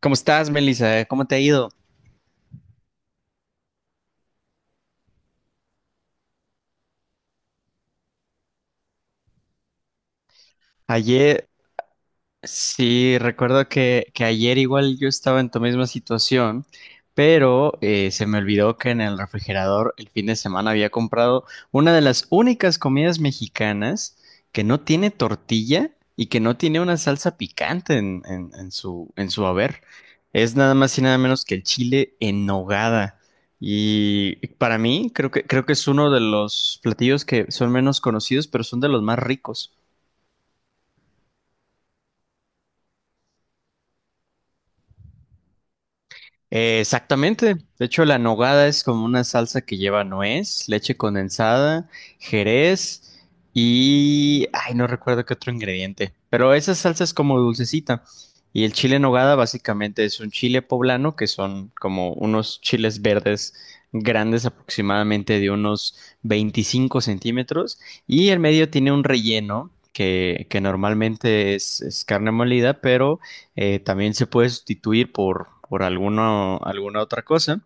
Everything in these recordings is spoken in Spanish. ¿Cómo estás, Melissa? ¿Cómo te ha ido? Ayer, sí, recuerdo que, ayer igual yo estaba en tu misma situación, pero se me olvidó que en el refrigerador el fin de semana había comprado una de las únicas comidas mexicanas que no tiene tortilla y que no tiene una salsa picante en su en su haber. Es nada más y nada menos que el chile en nogada. Y para mí creo que, es uno de los platillos que son menos conocidos, pero son de los más ricos. Exactamente. De hecho, la nogada es como una salsa que lleva nuez, leche condensada, jerez y... Ay, no recuerdo qué otro ingrediente. Pero esa salsa es como dulcecita. Y el chile en nogada básicamente es un chile poblano, que son como unos chiles verdes grandes, aproximadamente de unos 25 centímetros. Y el medio tiene un relleno que, normalmente es, carne molida, pero también se puede sustituir por, alguna otra cosa.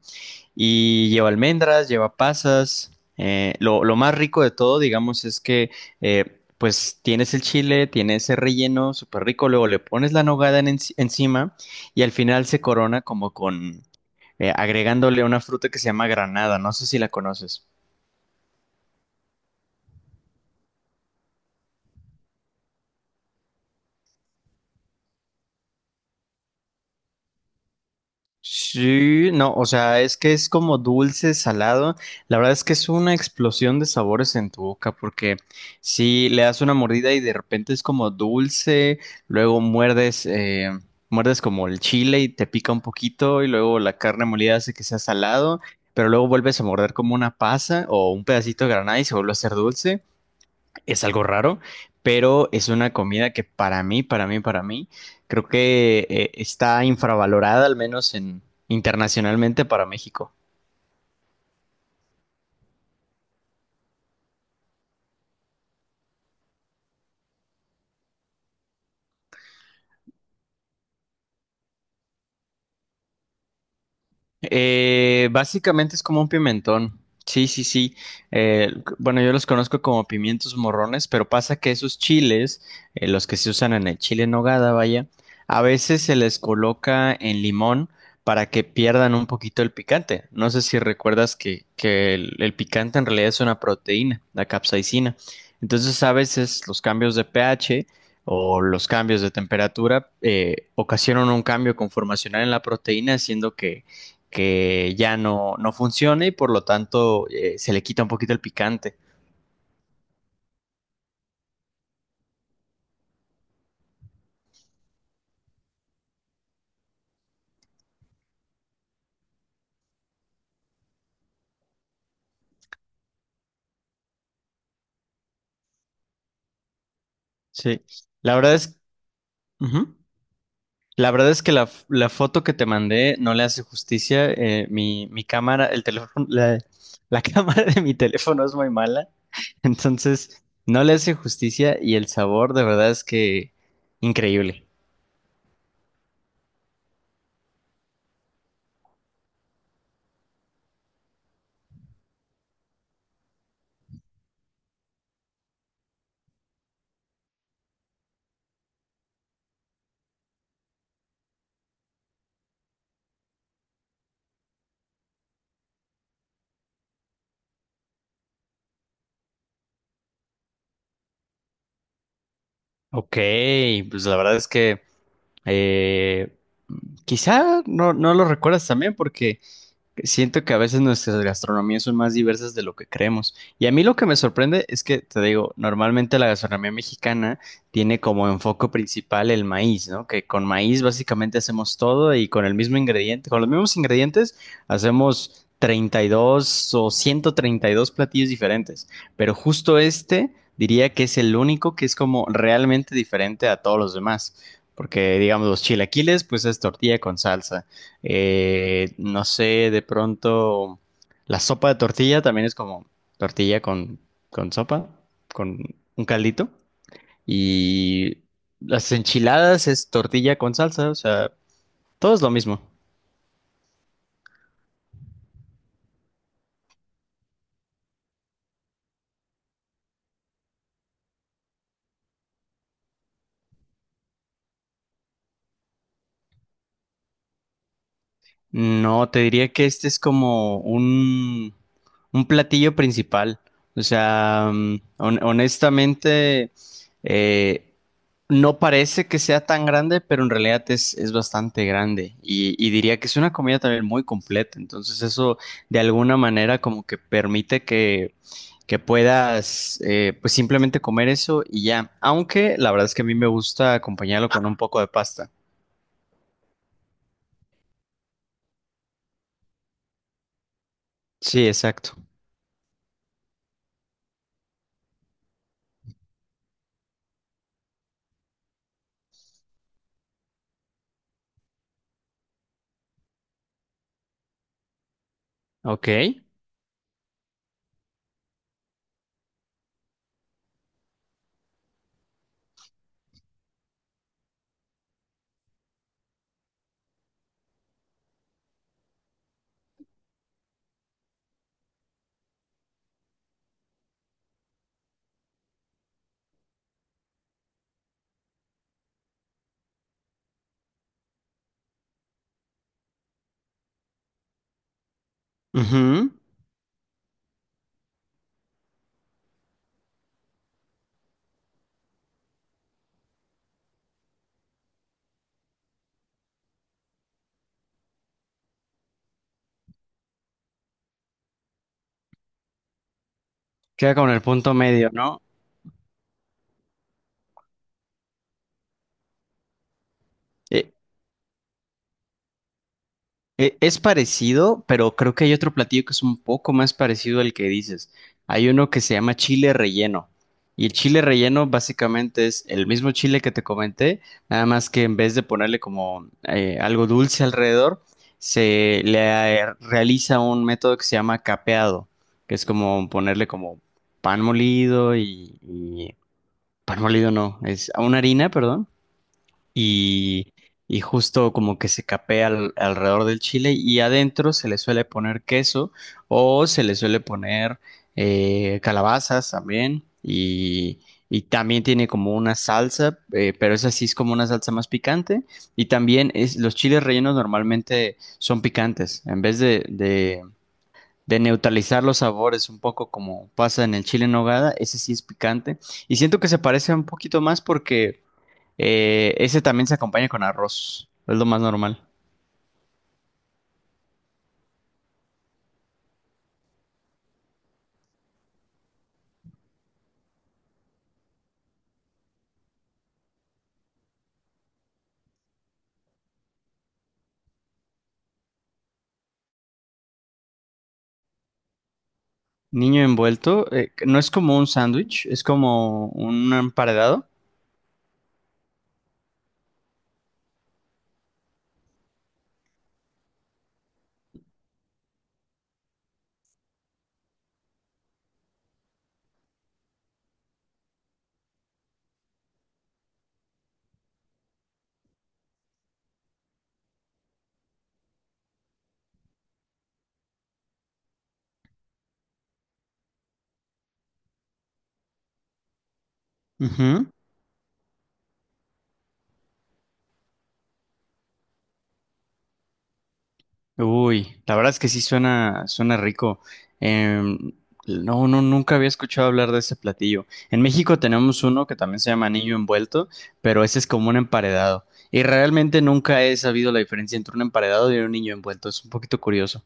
Y lleva almendras, lleva pasas. Lo más rico de todo, digamos, es que pues tienes el chile, tienes ese relleno súper rico, luego le pones la nogada encima y al final se corona como con, agregándole una fruta que se llama granada. ¿No sé si la conoces? Sí, no, o sea, es que es como dulce, salado. La verdad es que es una explosión de sabores en tu boca, porque si le das una mordida y de repente es como dulce, luego muerdes, muerdes como el chile y te pica un poquito, y luego la carne molida hace que sea salado, pero luego vuelves a morder como una pasa o un pedacito de granada y se vuelve a hacer dulce. Es algo raro, pero es una comida que para mí, creo que está infravalorada, al menos internacionalmente, para México. Básicamente es como un pimentón. Sí, sí, sí. Bueno, yo los conozco como pimientos morrones, pero pasa que esos chiles, los que se usan en el chile en nogada, vaya, a veces se les coloca en limón para que pierdan un poquito el picante. ¿No sé si recuerdas que, el, picante en realidad es una proteína, la capsaicina? Entonces, a veces los cambios de pH o los cambios de temperatura ocasionan un cambio conformacional en la proteína, haciendo que ya no funciona, y por lo tanto se le quita un poquito el picante. Sí, la verdad es, ujú. La verdad es que la foto que te mandé no le hace justicia. Mi cámara, el teléfono, la cámara de mi teléfono es muy mala. Entonces, no le hace justicia, y el sabor de verdad es que increíble. Ok, pues la verdad es que, eh, quizá no lo recuerdas también porque... Siento que a veces nuestras gastronomías son más diversas de lo que creemos. Y a mí lo que me sorprende es que, te digo, normalmente la gastronomía mexicana tiene como enfoque principal el maíz, ¿no? Que con maíz básicamente hacemos todo, y con el mismo ingrediente, con los mismos ingredientes hacemos 32 o 132 platillos diferentes. Pero justo este diría que es el único que es como realmente diferente a todos los demás. Porque, digamos, los chilaquiles, pues es tortilla con salsa. No sé, de pronto la sopa de tortilla también es como tortilla con, sopa, con un caldito. Y las enchiladas es tortilla con salsa, o sea, todo es lo mismo. No, te diría que este es como un platillo principal. O sea, mm, honestamente, eh, no parece que sea tan grande, pero en realidad es, bastante grande. Y, diría que es una comida también muy completa. Entonces eso de alguna manera como que permite que, puedas, pues, simplemente comer eso y ya. Aunque la verdad es que a mí me gusta acompañarlo con un poco de pasta. Sí, exacto. Ok. Ujú. Queda con el punto medio, ¿no? Eh, es parecido, pero creo que hay otro platillo que es un poco más parecido al que dices. Hay uno que se llama chile relleno. Y el chile relleno básicamente es el mismo chile que te comenté, nada más que en vez de ponerle como, algo dulce alrededor, se le, realiza un método que se llama capeado, que es como ponerle como pan molido y, pan molido no, es una harina, perdón, y, y justo como que se capea alrededor del chile, y adentro se le suele poner queso, o se le suele poner calabazas también. Y también tiene como una salsa, pero esa sí es como una salsa más picante, y también es, los chiles rellenos normalmente son picantes en vez de, neutralizar los sabores, un poco como pasa en el chile en nogada. Ese sí es picante. Y siento que se parece un poquito más porque ese también se acompaña con arroz, es lo más normal. Niño envuelto, no es como un sándwich, es como un emparedado. Ujú. Uy, la verdad es que sí suena, suena rico. Em, no, nunca había escuchado hablar de ese platillo. En México tenemos uno que también se llama anillo envuelto, pero ese es como un emparedado. Y realmente nunca he sabido la diferencia entre un emparedado y un niño envuelto. Es un poquito curioso.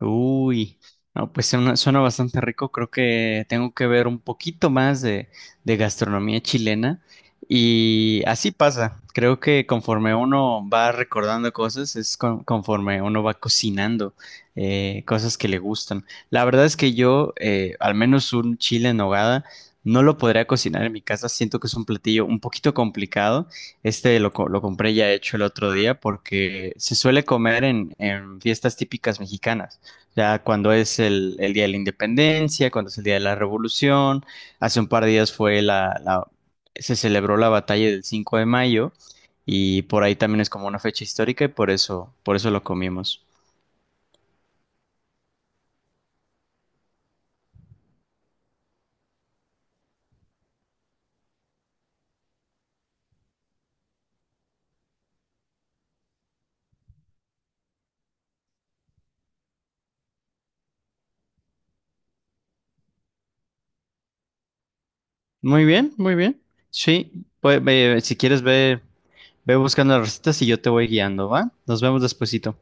Uy, no, pues suena, suena bastante rico. Creo que tengo que ver un poquito más de, gastronomía chilena. Y así pasa. Creo que conforme uno va recordando cosas, es conforme uno va cocinando, cosas que le gustan. La verdad es que yo, al menos un chile en nogada, no lo podría cocinar en mi casa. Siento que es un platillo un poquito complicado. Este lo, lo compré ya hecho el otro día porque se suele comer en fiestas típicas mexicanas. Ya cuando es el Día de la Independencia, cuando es el Día de la Revolución, hace un par de días fue se celebró la batalla del 5 de mayo, y por ahí también es como una fecha histórica, y por eso lo comimos. Muy bien, muy bien. Sí, pues ve- si quieres ve, ve buscando las recetas y yo te voy guiando, ¿va? Nos vemos despuesito.